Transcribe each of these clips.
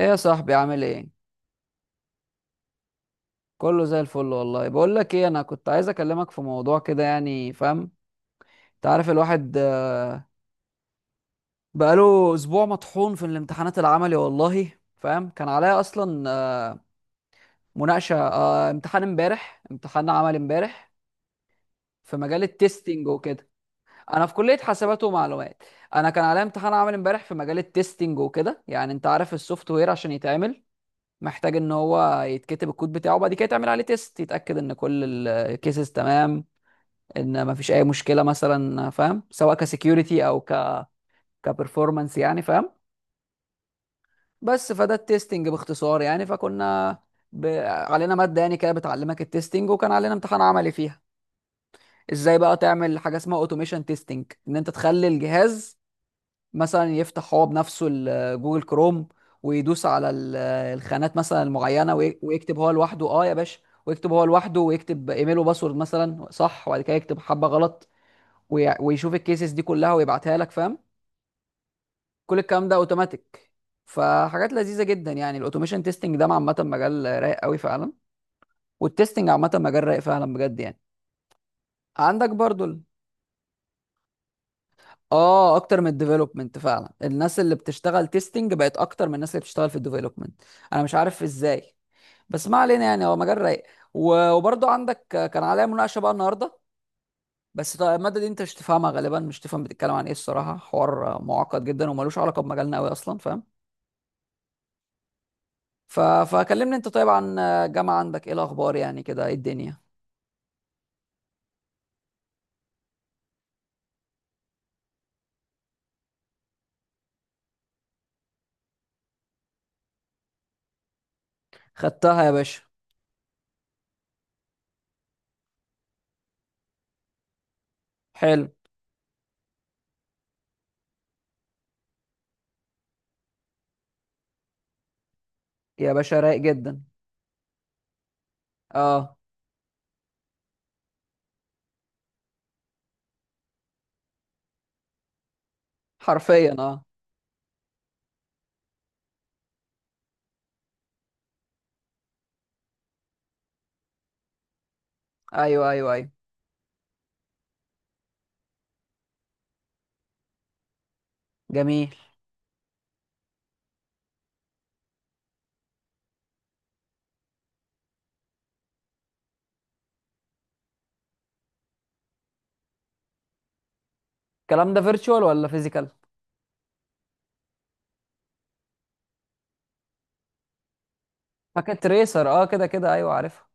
ايه يا صاحبي عامل ايه؟ كله زي الفل والله. بقول لك ايه، انا كنت عايز اكلمك في موضوع كده يعني، فاهم؟ انت عارف الواحد بقاله اسبوع مطحون في الامتحانات العملي والله، فاهم كان عليا اصلا مناقشه امتحان امبارح، امتحان عملي امبارح في مجال التستنج وكده. انا في كليه حاسبات ومعلومات. انا كان عليا امتحان عملي امبارح في مجال التستنج وكده، يعني انت عارف السوفت وير عشان يتعمل محتاج ان هو يتكتب الكود بتاعه، وبعد كده يتعمل عليه تيست يتاكد ان كل الكيسز تمام، ان ما فيش اي مشكله مثلا، فاهم؟ سواء كسكيورتي او كبرفورمانس يعني، فاهم. بس فده التستنج باختصار يعني. فكنا علينا ماده يعني كده بتعلمك التستنج، وكان علينا امتحان عملي فيها. ازاي بقى تعمل حاجه اسمها اوتوميشن تيستنج، ان انت تخلي الجهاز مثلا يفتح هو بنفسه جوجل كروم، ويدوس على الخانات مثلا المعينه ويكتب هو لوحده. اه يا باشا، ويكتب هو لوحده، ويكتب ايميل وباسورد مثلا، صح؟ وبعد كده يكتب حبه غلط ويشوف الكيسز دي كلها ويبعتها لك، فاهم. كل الكلام ده اوتوماتيك. فحاجات لذيذه جدا يعني، الاوتوميشن تيستنج ده عامه مجال رايق قوي فعلا. والتيستنج عامه مجال رايق فعلا بجد يعني. عندك برضو اه، اكتر من الديفلوبمنت فعلا، الناس اللي بتشتغل تيستنج بقت اكتر من الناس اللي بتشتغل في الديفلوبمنت. انا مش عارف ازاي. بس ما علينا يعني، هو مجال رايق. وبرضو عندك، كان عليا مناقشه بقى النهارده. بس طيب الماده دي انت مش تفهمها غالبا، مش تفهم بتتكلم عن ايه الصراحه، حوار معقد جدا وملوش علاقه بمجالنا قوي اصلا، فاهم. فكلمني انت طيب عن الجامعة، عندك ايه الاخبار يعني كده؟ ايه الدنيا؟ خدتها يا باشا. حلو. يا باشا رايق جدا. اه حرفيا. اه، ايوه ايوه ايوه. جميل. الكلام ده فيرتشوال ولا فيزيكال؟ باكيت ريسر، اه كده كده، ايوه عارفها.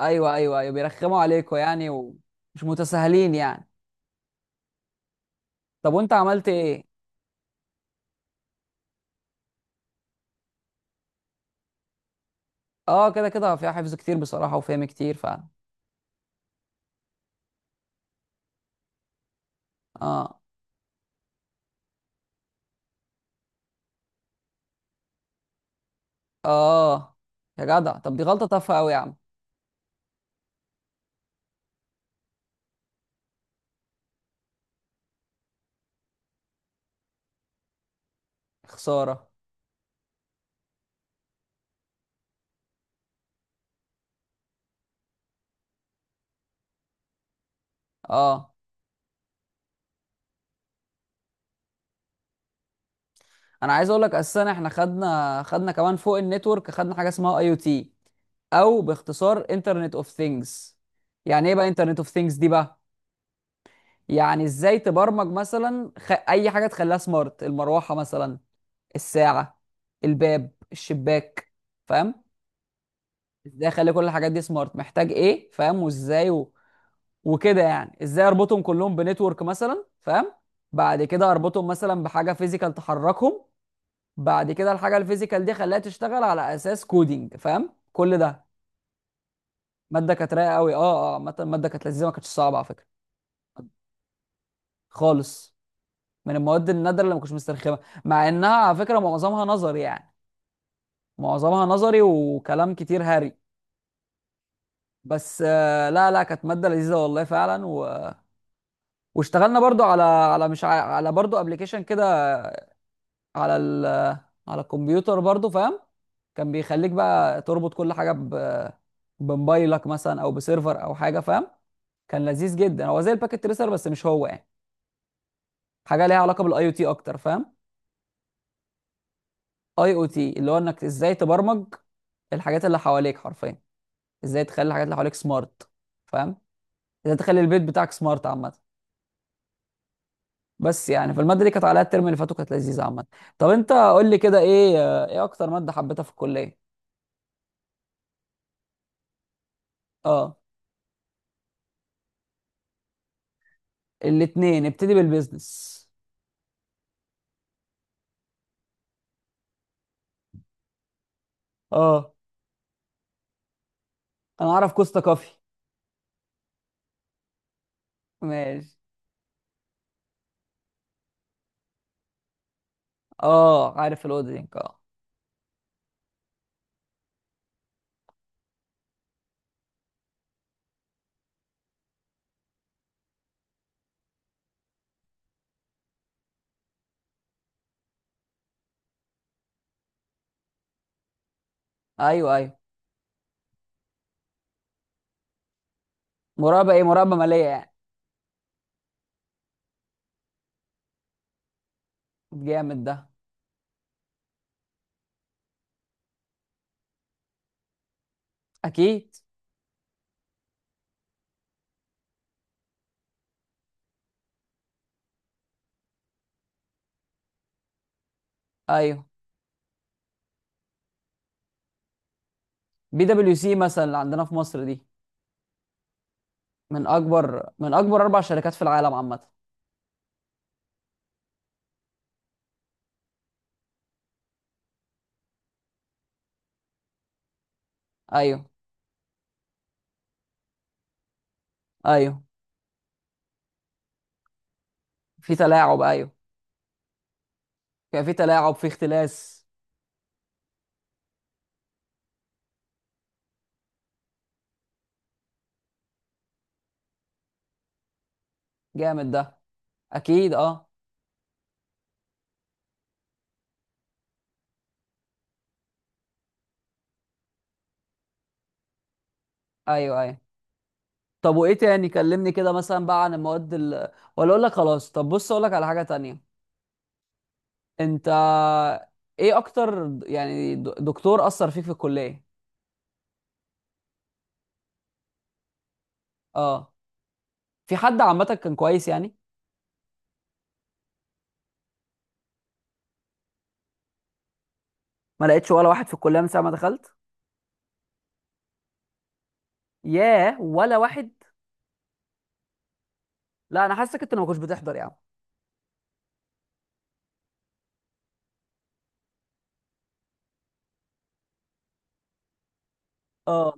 ايوه ايوه ايوه، بيرخموا عليكوا يعني، ومش متساهلين يعني. طب وانت عملت ايه؟ اه كده كده، فيها حفظ كتير بصراحة وفهم كتير فعلا. اه اه، يا جدع طب دي غلطة تافهة قوي يا عم. خسارة. اه، انا عايز اقول لك اساسا، احنا خدنا كمان فوق النتورك خدنا حاجه اسمها اي او تي. او باختصار انترنت اوف ثينجز. يعني ايه بقى انترنت اوف ثينجز دي بقى؟ يعني ازاي تبرمج مثلا اي حاجه تخليها سمارت، المروحه مثلا، الساعه، الباب، الشباك، فاهم. ازاي اخلي كل الحاجات دي سمارت، محتاج ايه فاهم، وازاي وكده يعني، ازاي اربطهم كلهم بنتورك مثلا، فاهم. بعد كده اربطهم مثلا بحاجه فيزيكال تحركهم. بعد كده الحاجه الفيزيكال دي خلاها تشتغل على اساس كودينج، فاهم كل ده. ماده كانت رايقه قوي. اه اه، عامه الماده كانت لذيذه، ما كانتش صعبه على فكره. خالص. من المواد النادره اللي ما كنتش مسترخمه، مع انها على فكره معظمها نظري يعني. معظمها نظري وكلام كتير هري. بس لا لا، كانت ماده لذيذه والله فعلا، واشتغلنا برضو على على مش ع... على برضو ابلكيشن كده، على على الكمبيوتر برضو، فاهم. كان بيخليك بقى تربط كل حاجه بموبايلك مثلا، او بسيرفر او حاجه، فاهم. كان لذيذ جدا، هو زي الباكيت تريسر بس مش هو يعني، حاجه ليها علاقه بالاي او تي اكتر، فاهم. اي او تي اللي هو انك ازاي تبرمج الحاجات اللي حواليك حرفيا، ازاي تخلي الحاجات اللي حواليك سمارت، فاهم؟ ازاي تخلي البيت بتاعك سمارت عامه. بس يعني، فالماده دي كانت عليها الترم اللي فاتوا كانت لذيذه عامه. طب انت قول لي كده ايه، ايه اكتر ماده حبيتها في الكليه؟ اه، الاتنين، ابتدي بالبيزنس. اه، انا اعرف كوستا كافي. ماشي. اه عارف الاودينك، اه. ايوه ايوه، مراقبه ايه، مراقبه ماليه يعني؟ جامد ده. اكيد. ايوه. بي دبليو سي مثلا اللي عندنا في مصر دي، من اكبر اربع شركات في العالم عامه. ايوه ايوه، في تلاعب. ايوه، كان في تلاعب، في اختلاس. جامد ده. اكيد. اه، ايوه ايوه. طب وايه تاني، كلمني كده مثلا بقى عن المواد ولا اقول لك خلاص، طب بص اقول لك على حاجه تانية. انت، ايه اكتر دكتور اثر فيك في الكليه؟ اه، في حد عامه كان كويس يعني؟ ما لقيتش ولا واحد في الكليه من ساعه ما دخلت. ياه، ولا واحد. لا، انا حاسسك انت اللي ما كنتش بتحضر يا عم. اه،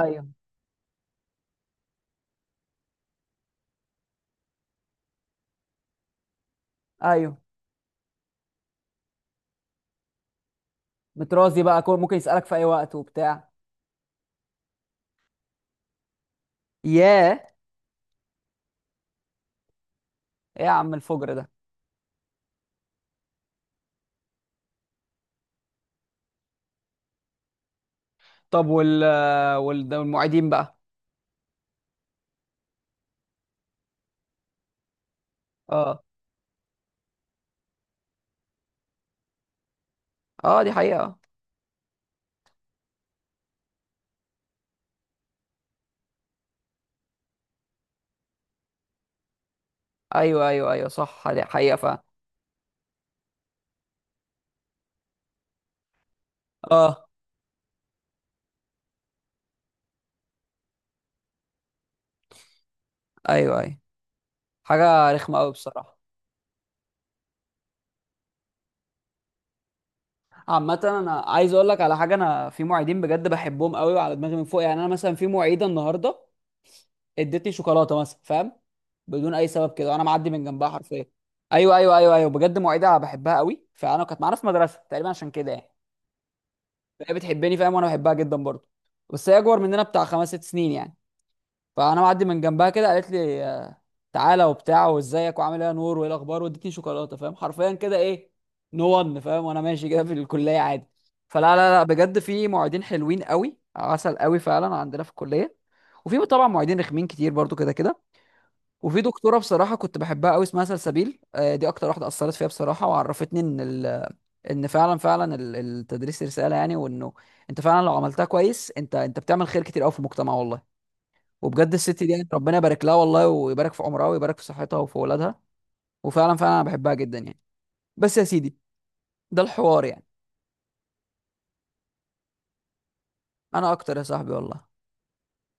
ايوه ايوه، متراضي بقى، ممكن يسألك في اي وقت وبتاع. ياه. ايه يا عم الفجر ده. طب، وال وال- ده والمعيدين بقى. اه اه، دي حقيقة. ايوه ايوه ايوه، صح، دي حقيقة فعلا. اه، ايوه ايوه، حاجة رخمة قوي بصراحة. عامة، انا عايز اقول لك على حاجة. انا في معيدين بجد بحبهم قوي وعلى دماغي من فوق يعني. انا مثلا في معيدة النهاردة ادتني شوكولاته مثلا، فاهم؟ بدون اي سبب كده، انا معدي من جنبها حرفيا. ايوه ايوه ايوه ايوه، بجد مواعيدها بحبها قوي. فانا، كانت معانا في مدرسه تقريبا عشان كده يعني. فهي بتحبني فاهم، وانا بحبها جدا برضه. بس هي اكبر مننا بتاع 5 6 سنين يعني. فانا معدي من جنبها كده، قالت لي تعالى وبتاع، وازيك وعامل ايه يا نور وايه الاخبار، وادتني شوكولاته، فاهم، حرفيا كده. ايه نو ون، فاهم؟ وانا ماشي كده في الكليه عادي. فلا لا لا، بجد في معيدين حلوين قوي، عسل قوي فعلا عندنا في الكليه. وفي طبعا معيدين رخمين كتير برضو كده كده. وفي دكتوره بصراحه كنت بحبها قوي، اسمها سلسبيل دي اكتر واحده اثرت فيها بصراحه. وعرفتني ان ان فعلا فعلا التدريس رساله يعني، وانه انت فعلا لو عملتها كويس، انت بتعمل خير كتير قوي في المجتمع والله. وبجد الست دي يعني، ربنا يبارك لها والله، ويبارك في عمرها ويبارك في صحتها وفي اولادها. وفعلا فعلا انا بحبها جدا يعني. بس يا سيدي، ده الحوار يعني. انا اكتر يا صاحبي والله.